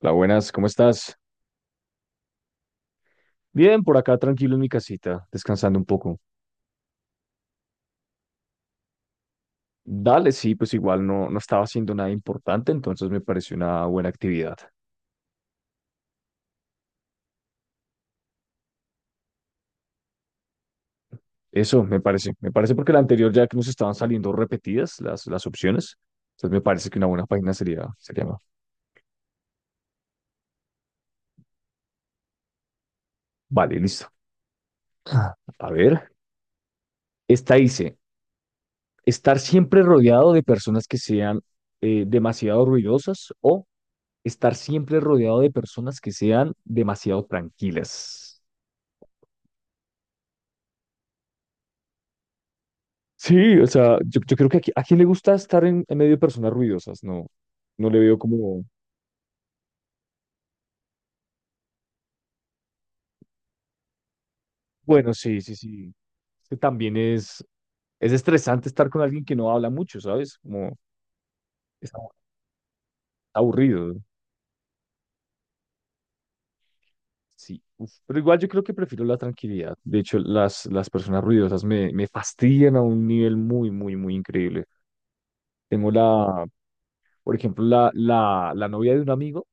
Hola, buenas, ¿cómo estás? Bien, por acá tranquilo en mi casita, descansando un poco. Dale, sí, pues igual no estaba haciendo nada importante, entonces me pareció una buena actividad. Eso me parece porque la anterior ya que nos estaban saliendo repetidas las opciones, entonces me parece que una buena página sería más. Vale, listo. A ver, esta dice, estar siempre rodeado de personas que sean demasiado ruidosas o estar siempre rodeado de personas que sean demasiado tranquilas. Sí, o sea, yo creo que aquí, a quién le gusta estar en medio de personas ruidosas, no, no le veo como, bueno, sí, sí, sí, es que también es estresante estar con alguien que no habla mucho, ¿sabes? Como es abu- aburrido, sí, uf. Pero igual yo creo que prefiero la tranquilidad, de hecho las personas ruidosas me fastidian a un nivel muy, muy, muy increíble. Tengo la, por ejemplo, la novia de un amigo.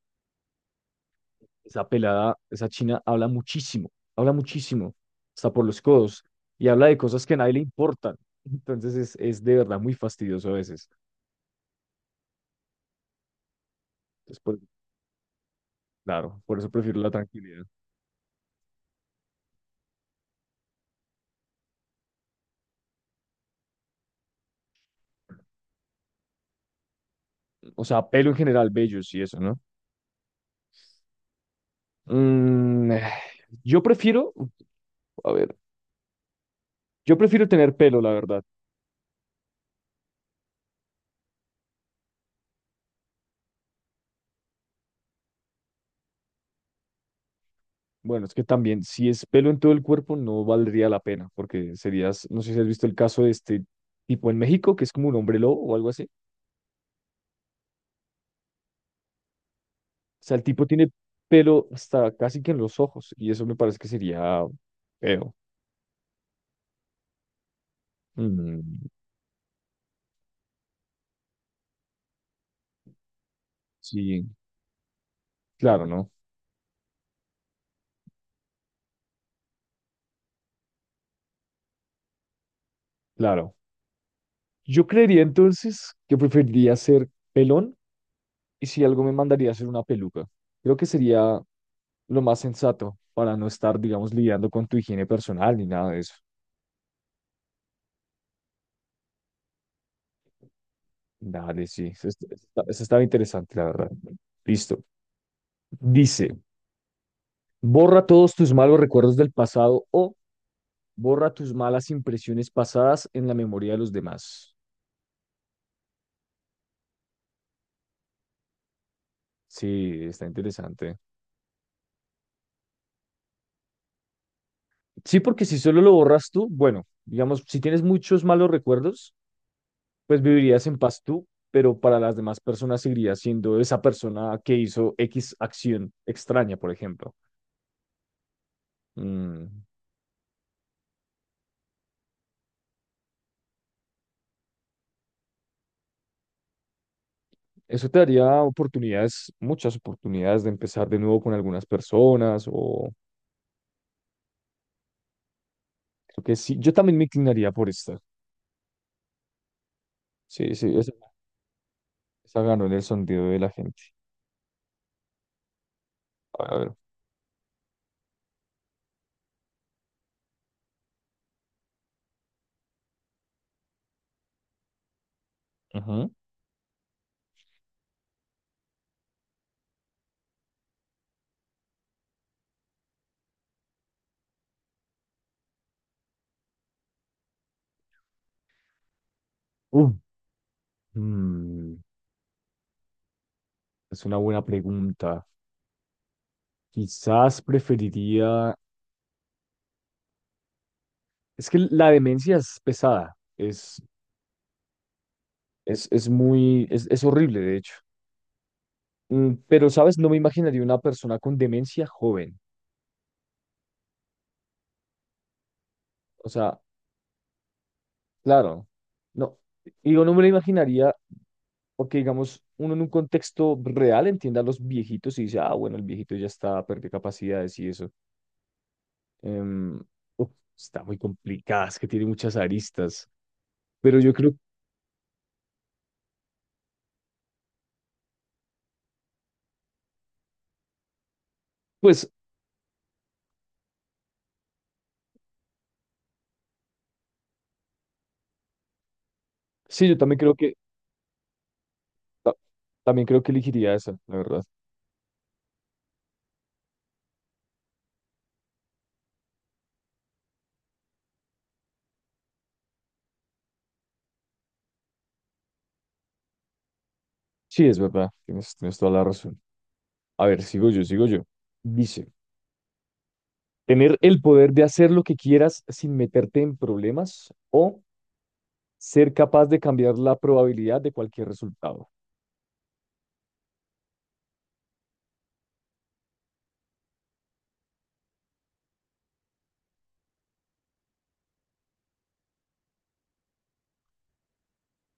Esa pelada, esa china habla muchísimo, hasta por los codos, y habla de cosas que a nadie le importan. Entonces es de verdad muy fastidioso a veces. Entonces, por- claro, por eso prefiero la tranquilidad. O sea, pelo en general, bellos y eso, ¿no? Mm, eh, yo prefiero, a ver, yo prefiero tener pelo, la verdad. Bueno, es que también, si es pelo en todo el cuerpo, no valdría la pena, porque serías, no sé si has visto el caso de este tipo en México, que es como un hombre lobo o algo así. O sea, el tipo tiene pelo hasta casi que en los ojos y eso me parece que sería feo. Mm, sí, claro, ¿no? Claro. Yo creería entonces que preferiría ser pelón y si algo me mandaría a hacer una peluca. Creo que sería lo más sensato para no estar, digamos, lidiando con tu higiene personal ni nada de eso. Dale, sí, eso estaba interesante, la verdad. Listo. Dice, borra todos tus malos recuerdos del pasado o borra tus malas impresiones pasadas en la memoria de los demás. Sí, está interesante. Sí, porque si solo lo borras tú, bueno, digamos, si tienes muchos malos recuerdos, pues vivirías en paz tú, pero para las demás personas seguirías siendo esa persona que hizo X acción extraña, por ejemplo. Mm, Eso te daría oportunidades, muchas oportunidades de empezar de nuevo con algunas personas o creo que sí. Yo también me inclinaría por esta. Sí, sí, esa ganó en el sondeo de la gente. A ver. Ujú. Uh, mm, es una buena pregunta. Quizás preferiría... Es que la demencia es pesada, es muy... es horrible, de hecho. Pero, ¿sabes? No me imaginaría una persona con demencia joven. O sea, claro, no. Digo, no me lo imaginaría porque, digamos, uno en un contexto real entiende a los viejitos y dice, ah, bueno, el viejito ya está, perdió capacidades y eso. Em, uf, está muy complicada, es que tiene muchas aristas. Pero yo creo, pues... Sí, yo también creo que ta- también creo que elegiría esa, la verdad. Sí, es verdad, tienes, tienes toda la razón. A ver, sigo yo, sigo yo. Dice, tener el poder de hacer lo que quieras sin meterte en problemas o ser capaz de cambiar la probabilidad de cualquier resultado.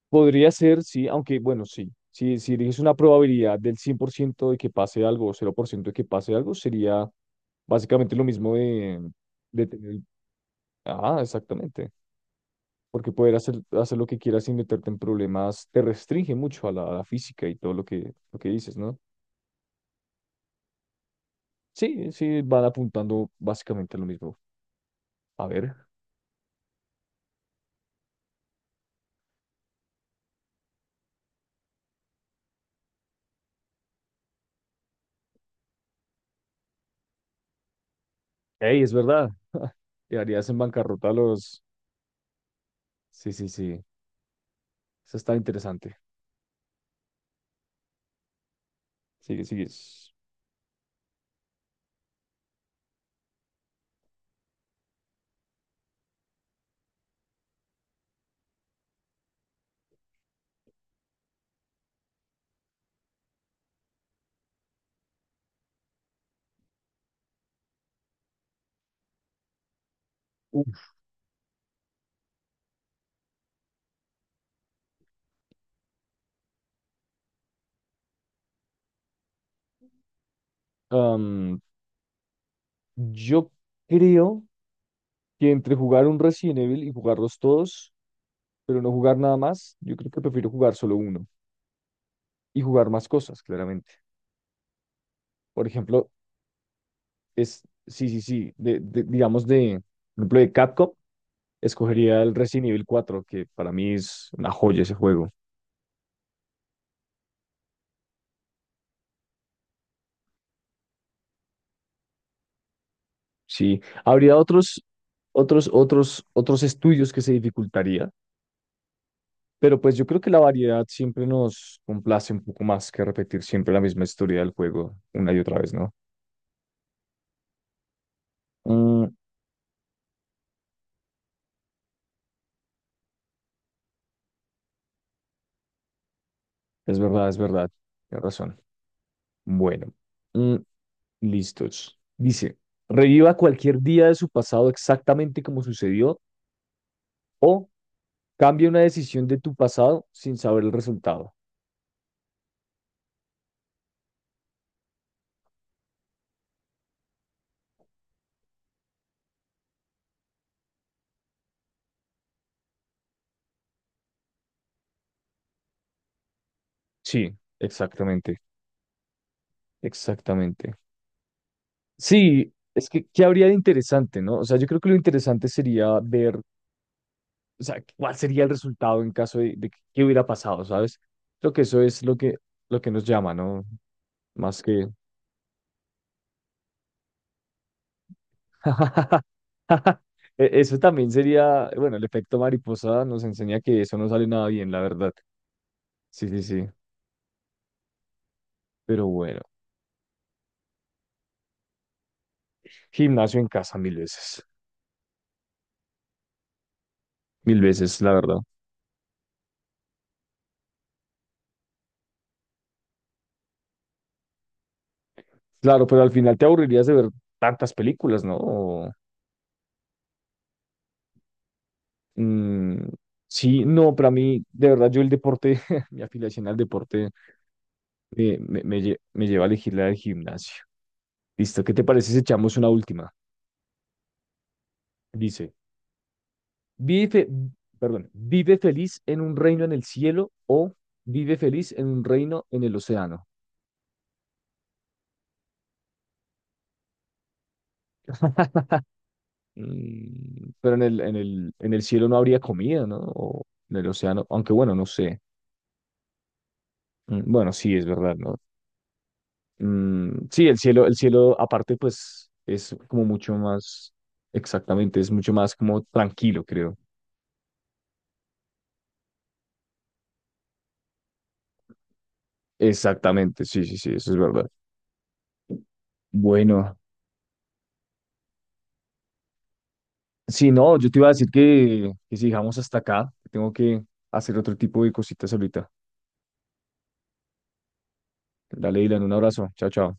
Podría ser, sí, aunque bueno, sí. Si eliges una probabilidad del 100% de que pase algo o 0% de que pase algo, sería básicamente lo mismo de tener... Ah, exactamente. Porque poder hacer lo que quieras sin meterte en problemas te restringe mucho a a la física y todo lo que dices, ¿no? Sí, sí, van apuntando básicamente a lo mismo. A ver, hey, es verdad, te harías en bancarrota a los... Sí, sí, sí, eso está interesante. Sigue, sigue. Uf, am, yo creo que entre jugar un Resident Evil y jugarlos todos, pero no jugar nada más, yo creo que prefiero jugar solo uno y jugar más cosas, claramente. Por ejemplo, es, sí, sí, sí, digamos de, por ejemplo, de Capcom, escogería el Resident Evil 4 que para mí es una joya ese juego. Sí, habría otros estudios que se dificultaría, pero pues yo creo que la variedad siempre nos complace un poco más que repetir siempre la misma historia del juego una y otra vez, ¿no? Mm, es verdad, tienes razón. Bueno, mm, listos. Dice, reviva cualquier día de su pasado exactamente como sucedió o cambia una decisión de tu pasado sin saber el resultado. Sí, exactamente, exactamente. Sí, es que, ¿qué habría de interesante, no? O sea, yo creo que lo interesante sería ver, o sea, cuál sería el resultado en caso de que qué hubiera pasado, ¿sabes? Creo que eso es lo que nos llama, ¿no? Más que... Eso también sería, bueno, el efecto mariposa nos enseña que eso no sale nada bien, la verdad. Sí, sí, sí. Pero bueno, gimnasio en casa mil veces, la verdad. Claro, pero al final te aburrirías de ver tantas películas, ¿no? O, mm, sí, no, para mí, de verdad, yo el deporte, mi afiliación al deporte me lleva a elegir la del gimnasio. Listo, ¿qué te parece si echamos una última? Dice, vive, fe- perdón, vive feliz en un reino en el cielo o vive feliz en un reino en el océano. Pero en en el cielo no habría comida, ¿no? O en el océano, aunque bueno, no sé. Bueno, sí, es verdad, ¿no? Sí, el cielo aparte, pues es como mucho más, exactamente, es mucho más como tranquilo, creo. Exactamente, sí, sí, sí, eso es verdad. Bueno, sí, no, yo te iba a decir que si dejamos hasta acá, tengo que hacer otro tipo de cositas ahorita. Dale, Dylan, un abrazo, chao, chao.